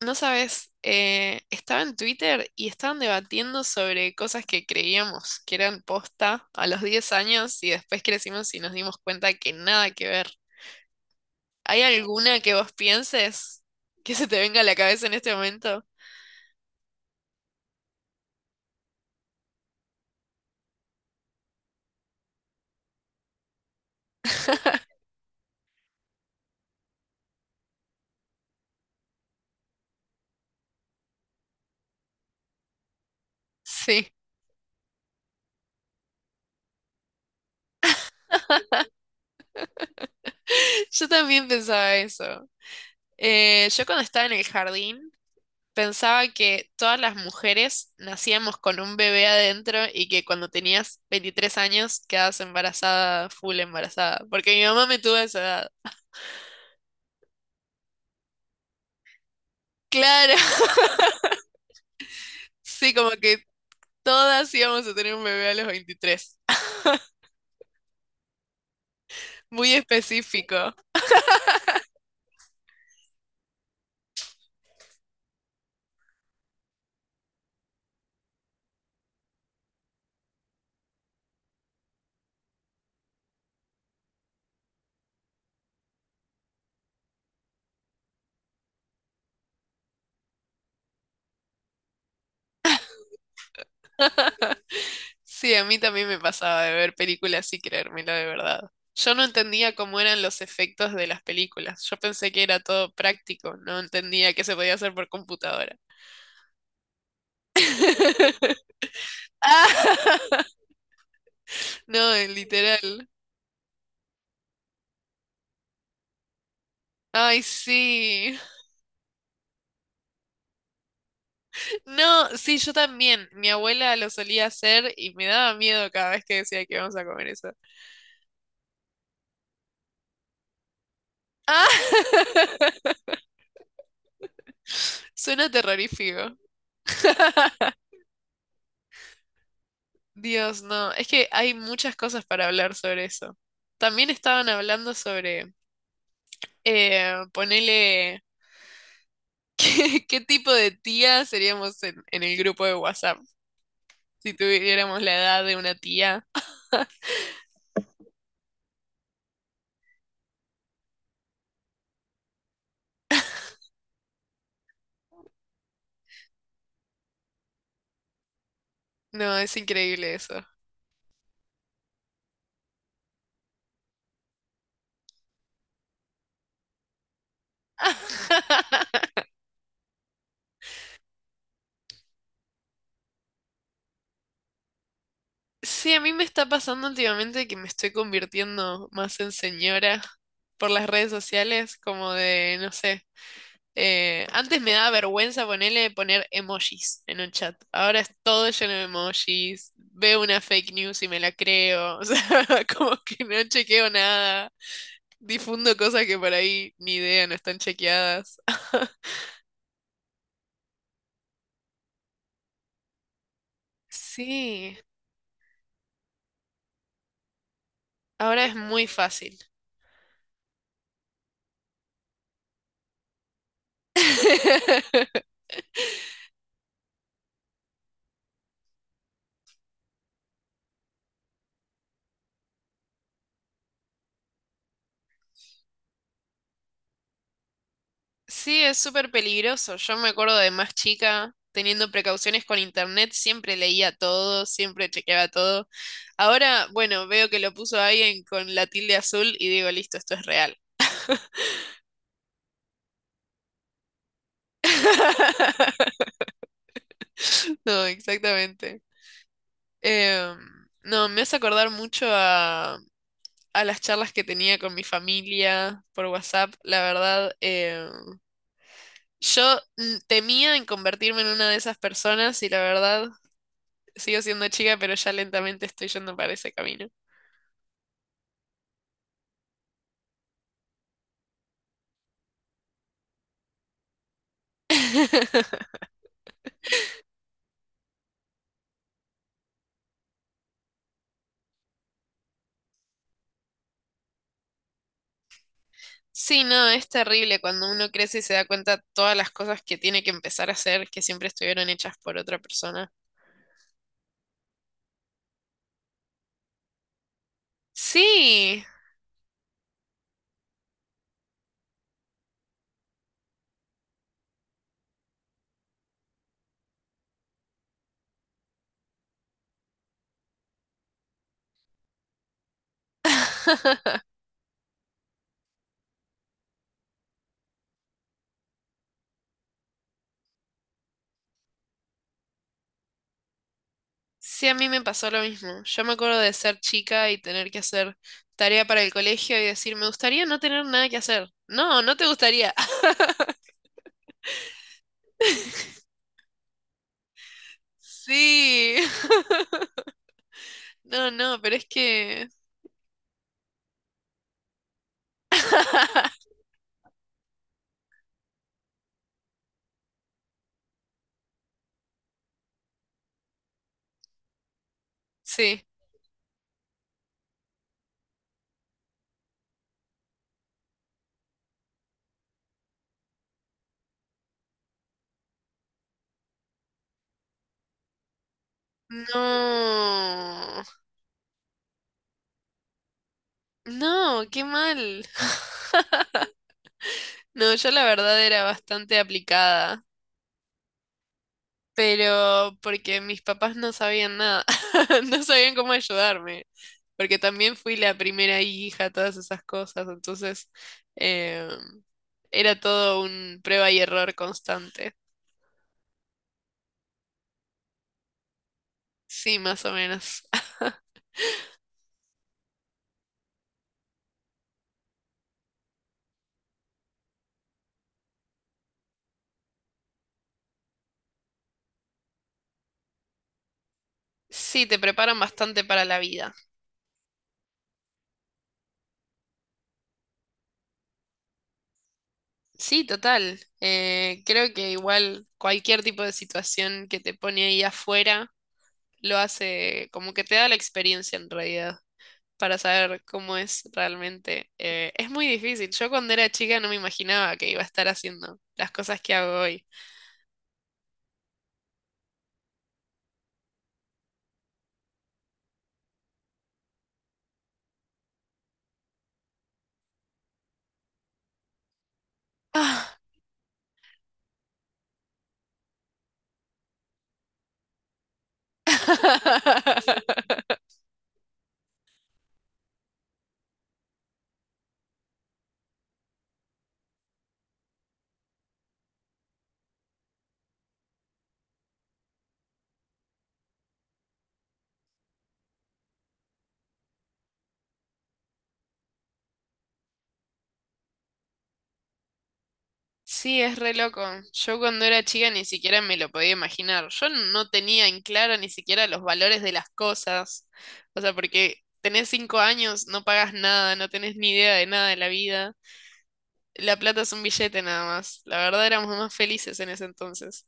No sabes, estaba en Twitter y estaban debatiendo sobre cosas que creíamos que eran posta a los 10 años y después crecimos y nos dimos cuenta que nada que ver. ¿Hay alguna que vos pienses que se te venga a la cabeza en este momento? Sí, yo también pensaba eso. Yo cuando estaba en el jardín pensaba que todas las mujeres nacíamos con un bebé adentro y que cuando tenías 23 años quedabas embarazada, full embarazada, porque mi mamá me tuvo a esa edad. Claro, sí, como que todas íbamos a tener un bebé a los 23. Muy específico. Sí, a mí también me pasaba de ver películas y creérmelo de verdad. Yo no entendía cómo eran los efectos de las películas. Yo pensé que era todo práctico, no entendía que se podía hacer por computadora. Ah, no, literal. Ay, sí. No, sí, yo también. Mi abuela lo solía hacer y me daba miedo cada vez que decía que íbamos a comer eso. Ah, suena terrorífico. Dios, no. Es que hay muchas cosas para hablar sobre eso. También estaban hablando sobre ponele qué tipo de tía seríamos en el grupo de WhatsApp si tuviéramos la edad de una tía. No, es increíble eso. Sí, a mí me está pasando últimamente que me estoy convirtiendo más en señora por las redes sociales, como de, no sé, antes me daba vergüenza poner emojis en un chat. Ahora es todo lleno de emojis, veo una fake news y me la creo, o sea, como que no chequeo nada, difundo cosas que por ahí ni idea, no están chequeadas. Sí, ahora es muy fácil. Sí, es súper peligroso. Yo me acuerdo de más chica, teniendo precauciones con internet, siempre leía todo, siempre chequeaba todo. Ahora, bueno, veo que lo puso alguien con la tilde azul y digo, listo, esto es real. No, exactamente. Em, no, me hace acordar mucho a las charlas que tenía con mi familia por WhatsApp. La verdad, yo temía en convertirme en una de esas personas y la verdad sigo siendo chica, pero ya lentamente estoy yendo para ese camino. Sí, no, es terrible cuando uno crece y se da cuenta todas las cosas que tiene que empezar a hacer que siempre estuvieron hechas por otra persona. Sí, sí, a mí me pasó lo mismo. Yo me acuerdo de ser chica y tener que hacer tarea para el colegio y decir, me gustaría no tener nada que hacer. No, no te gustaría. Sí. No, no, pero es que sí. No, no, qué mal. No, yo la verdad era bastante aplicada, pero porque mis papás no sabían nada, no sabían cómo ayudarme, porque también fui la primera hija, todas esas cosas, entonces eh, era todo un prueba y error constante. Sí, más o menos. Sí, te preparan bastante para la vida. Sí, total. Creo que igual cualquier tipo de situación que te pone ahí afuera lo hace como que te da la experiencia en realidad para saber cómo es realmente. Es muy difícil. Yo cuando era chica no me imaginaba que iba a estar haciendo las cosas que hago hoy. Ah. Sí, es re loco. Yo cuando era chica ni siquiera me lo podía imaginar. Yo no tenía en claro ni siquiera los valores de las cosas. O sea, porque tenés 5 años, no pagas nada, no tenés ni idea de nada de la vida. La plata es un billete nada más. La verdad éramos más felices en ese entonces.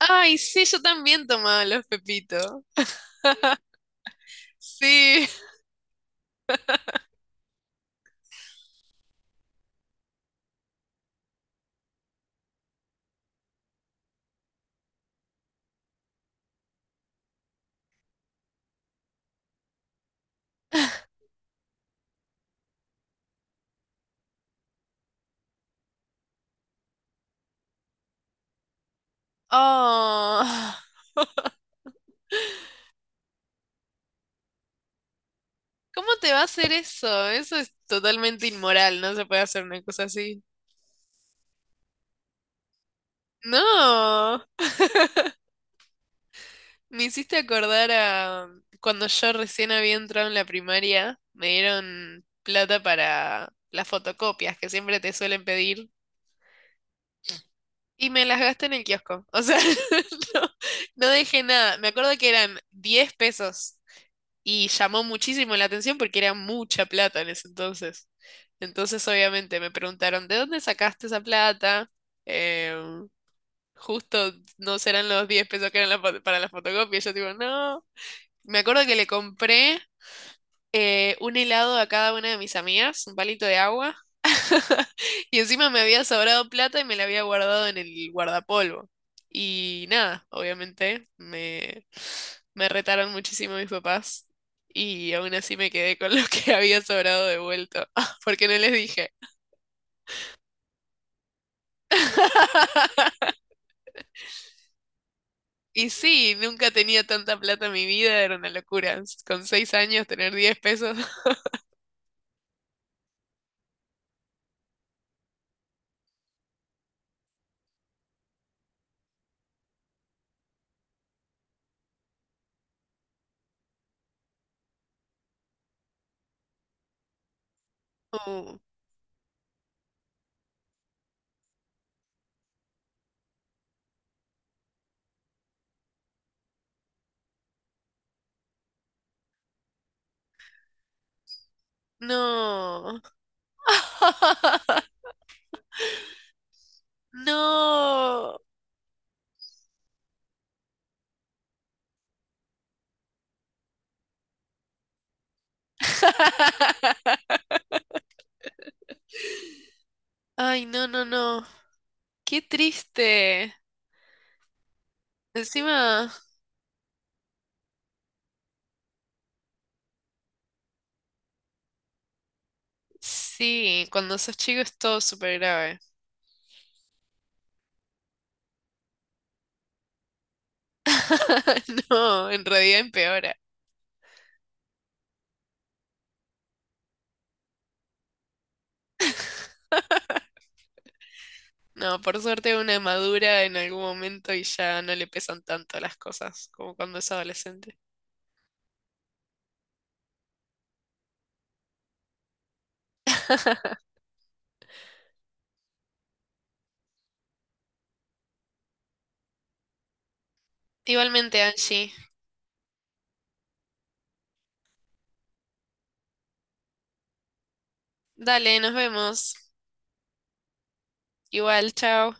Ay, sí, yo también tomaba los pepitos. Sí. Oh, ¿cómo te va a hacer eso? Eso es totalmente inmoral. No se puede hacer una cosa así. No. Me hiciste acordar a cuando yo recién había entrado en la primaria, me dieron plata para las fotocopias que siempre te suelen pedir y me las gasté en el kiosco. O sea, no, no dejé nada. Me acuerdo que eran 10 pesos y llamó muchísimo la atención porque era mucha plata en ese entonces. Entonces, obviamente, me preguntaron, ¿de dónde sacaste esa plata? Eh, Justo no serán los 10 pesos que eran la para las fotocopias. Yo digo, no. Me acuerdo que le compré un helado a cada una de mis amigas, un palito de agua, y encima me había sobrado plata y me la había guardado en el guardapolvo. Y nada, obviamente me retaron muchísimo mis papás y aún así me quedé con lo que había sobrado devuelto, porque no les dije. Y sí, nunca tenía tanta plata en mi vida, era una locura. Con 6 años tener 10 pesos. Uh, no. No. Ay, no, no, no. Qué triste. Encima, sí, cuando sos chico es todo súper grave. No, en realidad empeora. No, por suerte una madura en algún momento y ya no le pesan tanto las cosas como cuando es adolescente. Igualmente, Angie. Dale, nos vemos. Igual, chao.